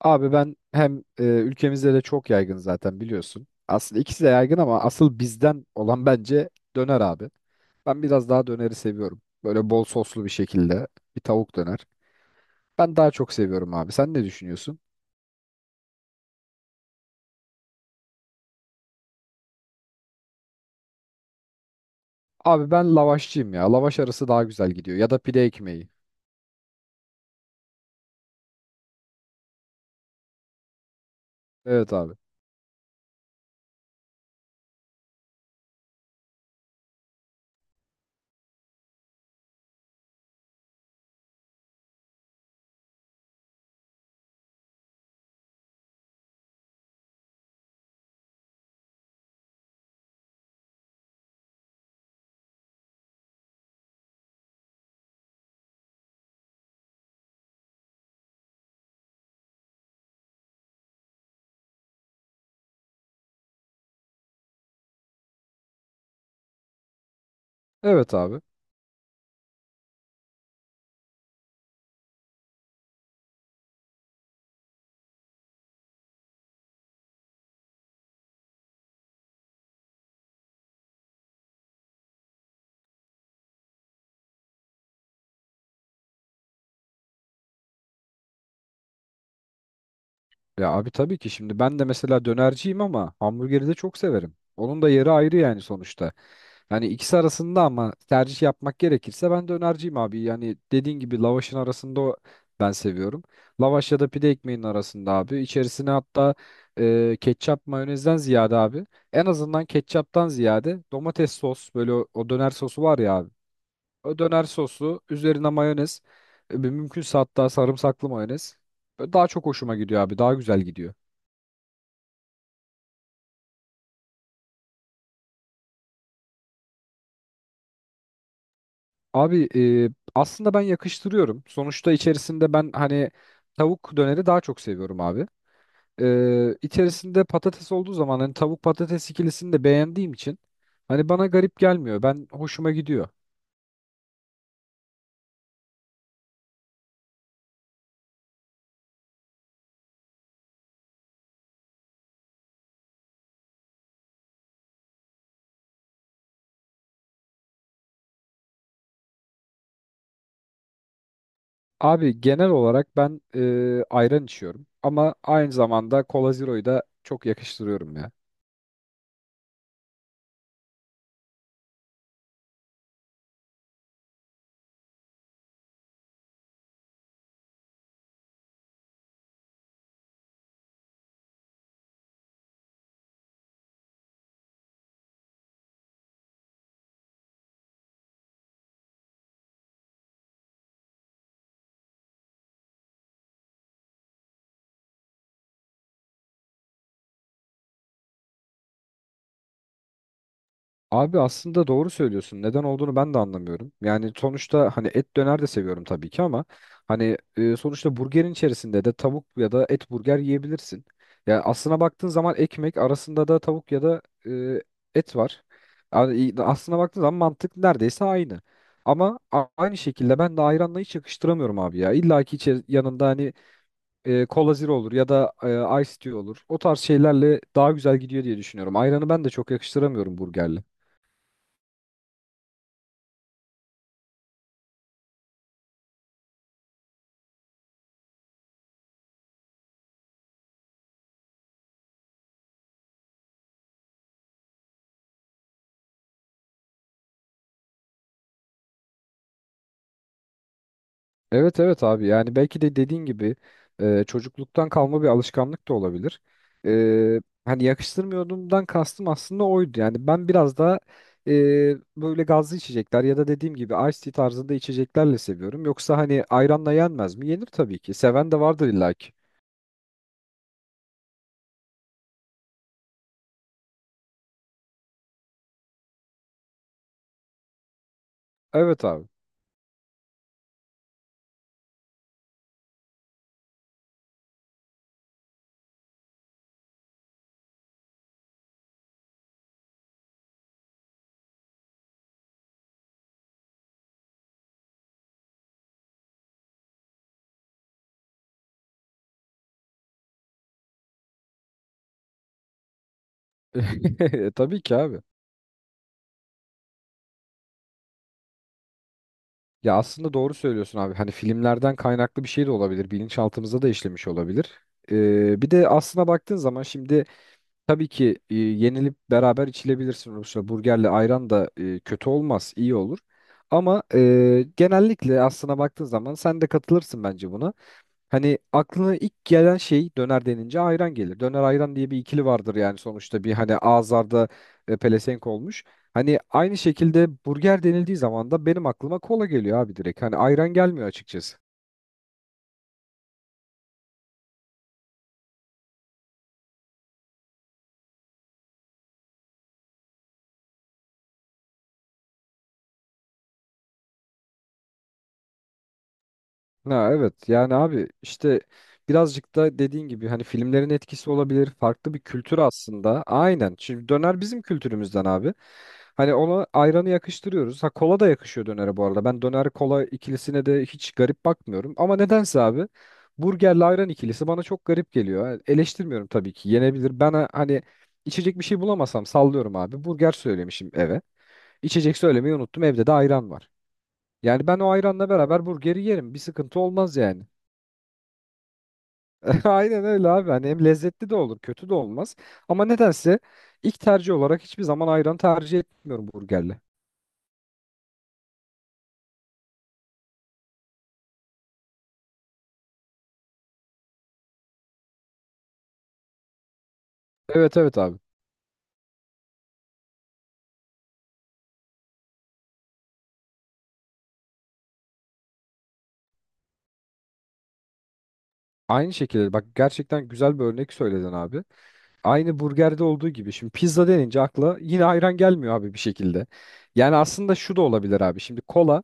Abi ben hem ülkemizde de çok yaygın zaten biliyorsun. Aslında ikisi de yaygın ama asıl bizden olan bence döner abi. Ben biraz daha döneri seviyorum. Böyle bol soslu bir şekilde bir tavuk döner. Ben daha çok seviyorum abi. Sen ne düşünüyorsun? Abi ben lavaşçıyım ya. Lavaş arası daha güzel gidiyor. Ya da pide ekmeği. Evet abi. Evet abi. Ya abi tabii ki şimdi ben de mesela dönerciyim ama hamburgeri de çok severim. Onun da yeri ayrı yani sonuçta. Hani ikisi arasında ama tercih yapmak gerekirse ben dönerciyim abi. Yani dediğin gibi lavaşın arasında ben seviyorum. Lavaş ya da pide ekmeğinin arasında abi. İçerisine hatta ketçap mayonezden ziyade abi. En azından ketçaptan ziyade domates sos böyle o döner sosu var ya abi. O döner sosu üzerine mayonez. Mümkünse hatta sarımsaklı mayonez. Böyle daha çok hoşuma gidiyor abi. Daha güzel gidiyor. Abi aslında ben yakıştırıyorum. Sonuçta içerisinde ben hani tavuk döneri daha çok seviyorum abi. İçerisinde patates olduğu zaman hani tavuk patates ikilisini de beğendiğim için hani bana garip gelmiyor. Ben hoşuma gidiyor. Abi genel olarak ben ayran içiyorum ama aynı zamanda Cola Zero'yu da çok yakıştırıyorum ya. Abi aslında doğru söylüyorsun. Neden olduğunu ben de anlamıyorum. Yani sonuçta hani et döner de seviyorum tabii ki ama hani sonuçta burgerin içerisinde de tavuk ya da et burger yiyebilirsin. Ya aslına baktığın zaman ekmek arasında da tavuk ya da et var. Yani aslına baktığın zaman mantık neredeyse aynı. Ama aynı şekilde ben de ayranla hiç yakıştıramıyorum abi ya. İlla ki yanında hani kola zero olur ya da ice tea olur. O tarz şeylerle daha güzel gidiyor diye düşünüyorum. Ayranı ben de çok yakıştıramıyorum burgerle. Evet evet abi, yani belki de dediğin gibi çocukluktan kalma bir alışkanlık da olabilir. E, Hani yakıştırmıyordumdan kastım aslında oydu. Yani ben biraz daha e, böyle gazlı içecekler ya da dediğim gibi iced tea tarzında içeceklerle seviyorum. Yoksa hani ayranla yenmez mi? Yenir tabii ki. Seven de vardır illaki. Evet abi. Tabii ki abi. Ya aslında doğru söylüyorsun abi. Hani filmlerden kaynaklı bir şey de olabilir. Bilinçaltımıza da işlemiş olabilir. E, bir de aslına baktığın zaman şimdi tabii ki yenilip beraber içilebilirsin Rusya. Burgerle ayran da kötü olmaz, iyi olur. Ama genellikle aslına baktığın zaman sen de katılırsın bence buna. Hani aklına ilk gelen şey döner denince ayran gelir. Döner ayran diye bir ikili vardır yani sonuçta bir hani ağızlarda pelesenk olmuş. Hani aynı şekilde burger denildiği zaman da benim aklıma kola geliyor abi direkt. Hani ayran gelmiyor açıkçası. Ha, evet yani abi işte birazcık da dediğin gibi hani filmlerin etkisi olabilir, farklı bir kültür aslında. Aynen şimdi döner bizim kültürümüzden abi, hani ona ayranı yakıştırıyoruz. Ha, kola da yakışıyor dönere. Bu arada ben döner kola ikilisine de hiç garip bakmıyorum ama nedense abi burgerle ayran ikilisi bana çok garip geliyor. Ha, eleştirmiyorum tabii ki, yenebilir. Ben hani içecek bir şey bulamasam sallıyorum abi, burger söylemişim eve, içecek söylemeyi unuttum, evde de ayran var. Yani ben o ayranla beraber burgeri yerim. Bir sıkıntı olmaz yani. Aynen öyle abi. Hani hem lezzetli de olur, kötü de olmaz. Ama nedense ilk tercih olarak hiçbir zaman ayran tercih etmiyorum burgerle. Evet evet abi. Aynı şekilde bak, gerçekten güzel bir örnek söyledin abi. Aynı burgerde olduğu gibi şimdi pizza denince akla yine ayran gelmiyor abi bir şekilde. Yani aslında şu da olabilir abi. Şimdi kola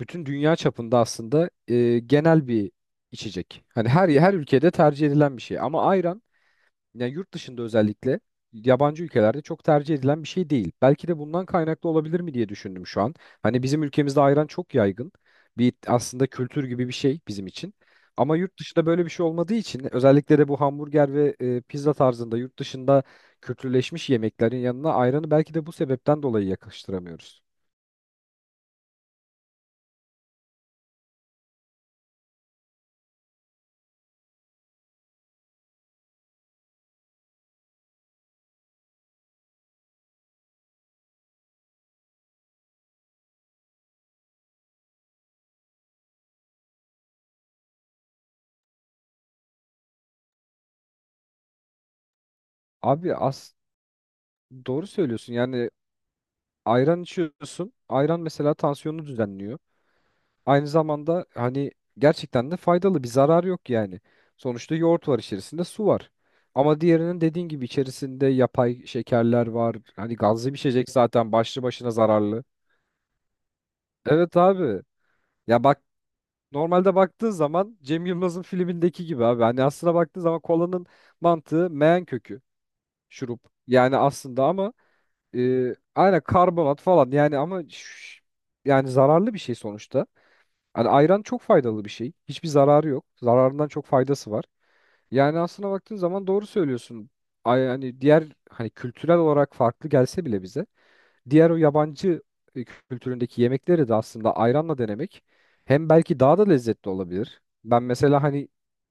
bütün dünya çapında aslında genel bir içecek. Hani her ülkede tercih edilen bir şey, ama ayran yani yurt dışında özellikle yabancı ülkelerde çok tercih edilen bir şey değil. Belki de bundan kaynaklı olabilir mi diye düşündüm şu an. Hani bizim ülkemizde ayran çok yaygın. Bir aslında kültür gibi bir şey bizim için. Ama yurt dışında böyle bir şey olmadığı için, özellikle de bu hamburger ve pizza tarzında yurt dışında kültürleşmiş yemeklerin yanına ayranı belki de bu sebepten dolayı yakıştıramıyoruz. Abi az doğru söylüyorsun. Yani ayran içiyorsun. Ayran mesela tansiyonu düzenliyor. Aynı zamanda hani gerçekten de faydalı, bir zarar yok yani. Sonuçta yoğurt var içerisinde, su var. Ama diğerinin dediğin gibi içerisinde yapay şekerler var. Hani gazlı bir içecek zaten başlı başına zararlı. Evet abi. Ya bak, normalde baktığın zaman Cem Yılmaz'ın filmindeki gibi abi. Hani aslına baktığın zaman kolanın mantığı meyan kökü şurup. Yani aslında ama aynen karbonat falan yani ama yani zararlı bir şey sonuçta. Hani ayran çok faydalı bir şey. Hiçbir zararı yok. Zararından çok faydası var. Yani aslına baktığın zaman doğru söylüyorsun. Ay, hani diğer hani kültürel olarak farklı gelse bile bize diğer o yabancı kültüründeki yemekleri de aslında ayranla denemek hem belki daha da lezzetli olabilir. Ben mesela hani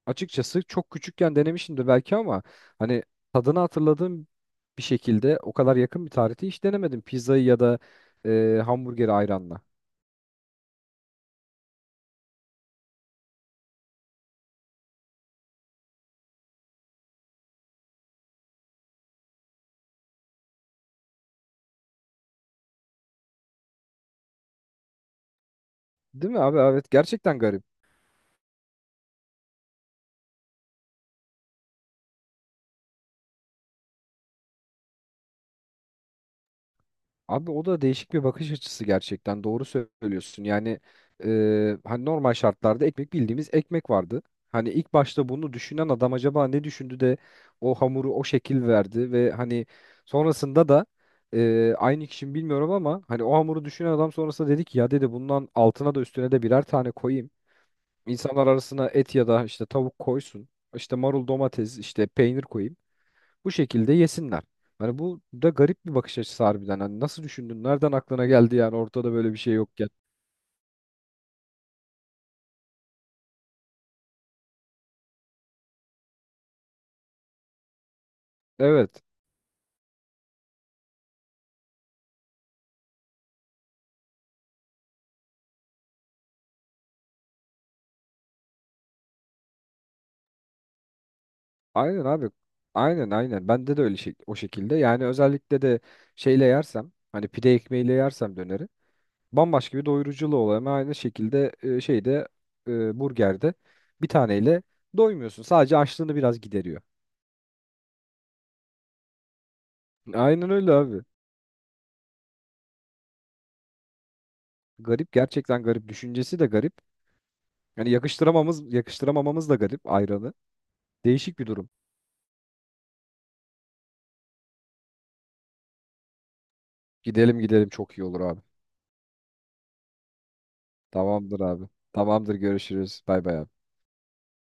açıkçası çok küçükken denemişimdir belki ama hani tadını hatırladığım bir şekilde o kadar yakın bir tarihte hiç denemedim pizzayı ya da hamburgeri ayranla. Değil mi abi? Evet, gerçekten garip. Abi o da değişik bir bakış açısı, gerçekten doğru söylüyorsun. Yani hani normal şartlarda ekmek bildiğimiz ekmek vardı. Hani ilk başta bunu düşünen adam acaba ne düşündü de o hamuru o şekil verdi ve hani sonrasında da aynı kişi mi bilmiyorum ama hani o hamuru düşünen adam sonrasında dedi ki ya, dedi, bundan altına da üstüne de birer tane koyayım. İnsanlar arasına et ya da işte tavuk koysun. İşte marul domates işte peynir koyayım. Bu şekilde yesinler. Hani bu da garip bir bakış açısı harbiden. Hani nasıl düşündün? Nereden aklına geldi yani ortada böyle bir şey yokken? Evet. Aynen abi. Aynen aynen. Bende de öyle şey, o şekilde. Yani özellikle de şeyle yersem, hani pide ekmeğiyle yersem, döneri bambaşka bir doyuruculuğu oluyor. Ama aynı şekilde şeyde burgerde bir taneyle doymuyorsun. Sadece açlığını biraz gideriyor. Aynen öyle abi. Garip, gerçekten garip. Düşüncesi de garip. Yani yakıştıramamamız da garip ayranı. Değişik bir durum. Gidelim gidelim, çok iyi olur abi. Tamamdır abi. Tamamdır, görüşürüz. Bay bay abi.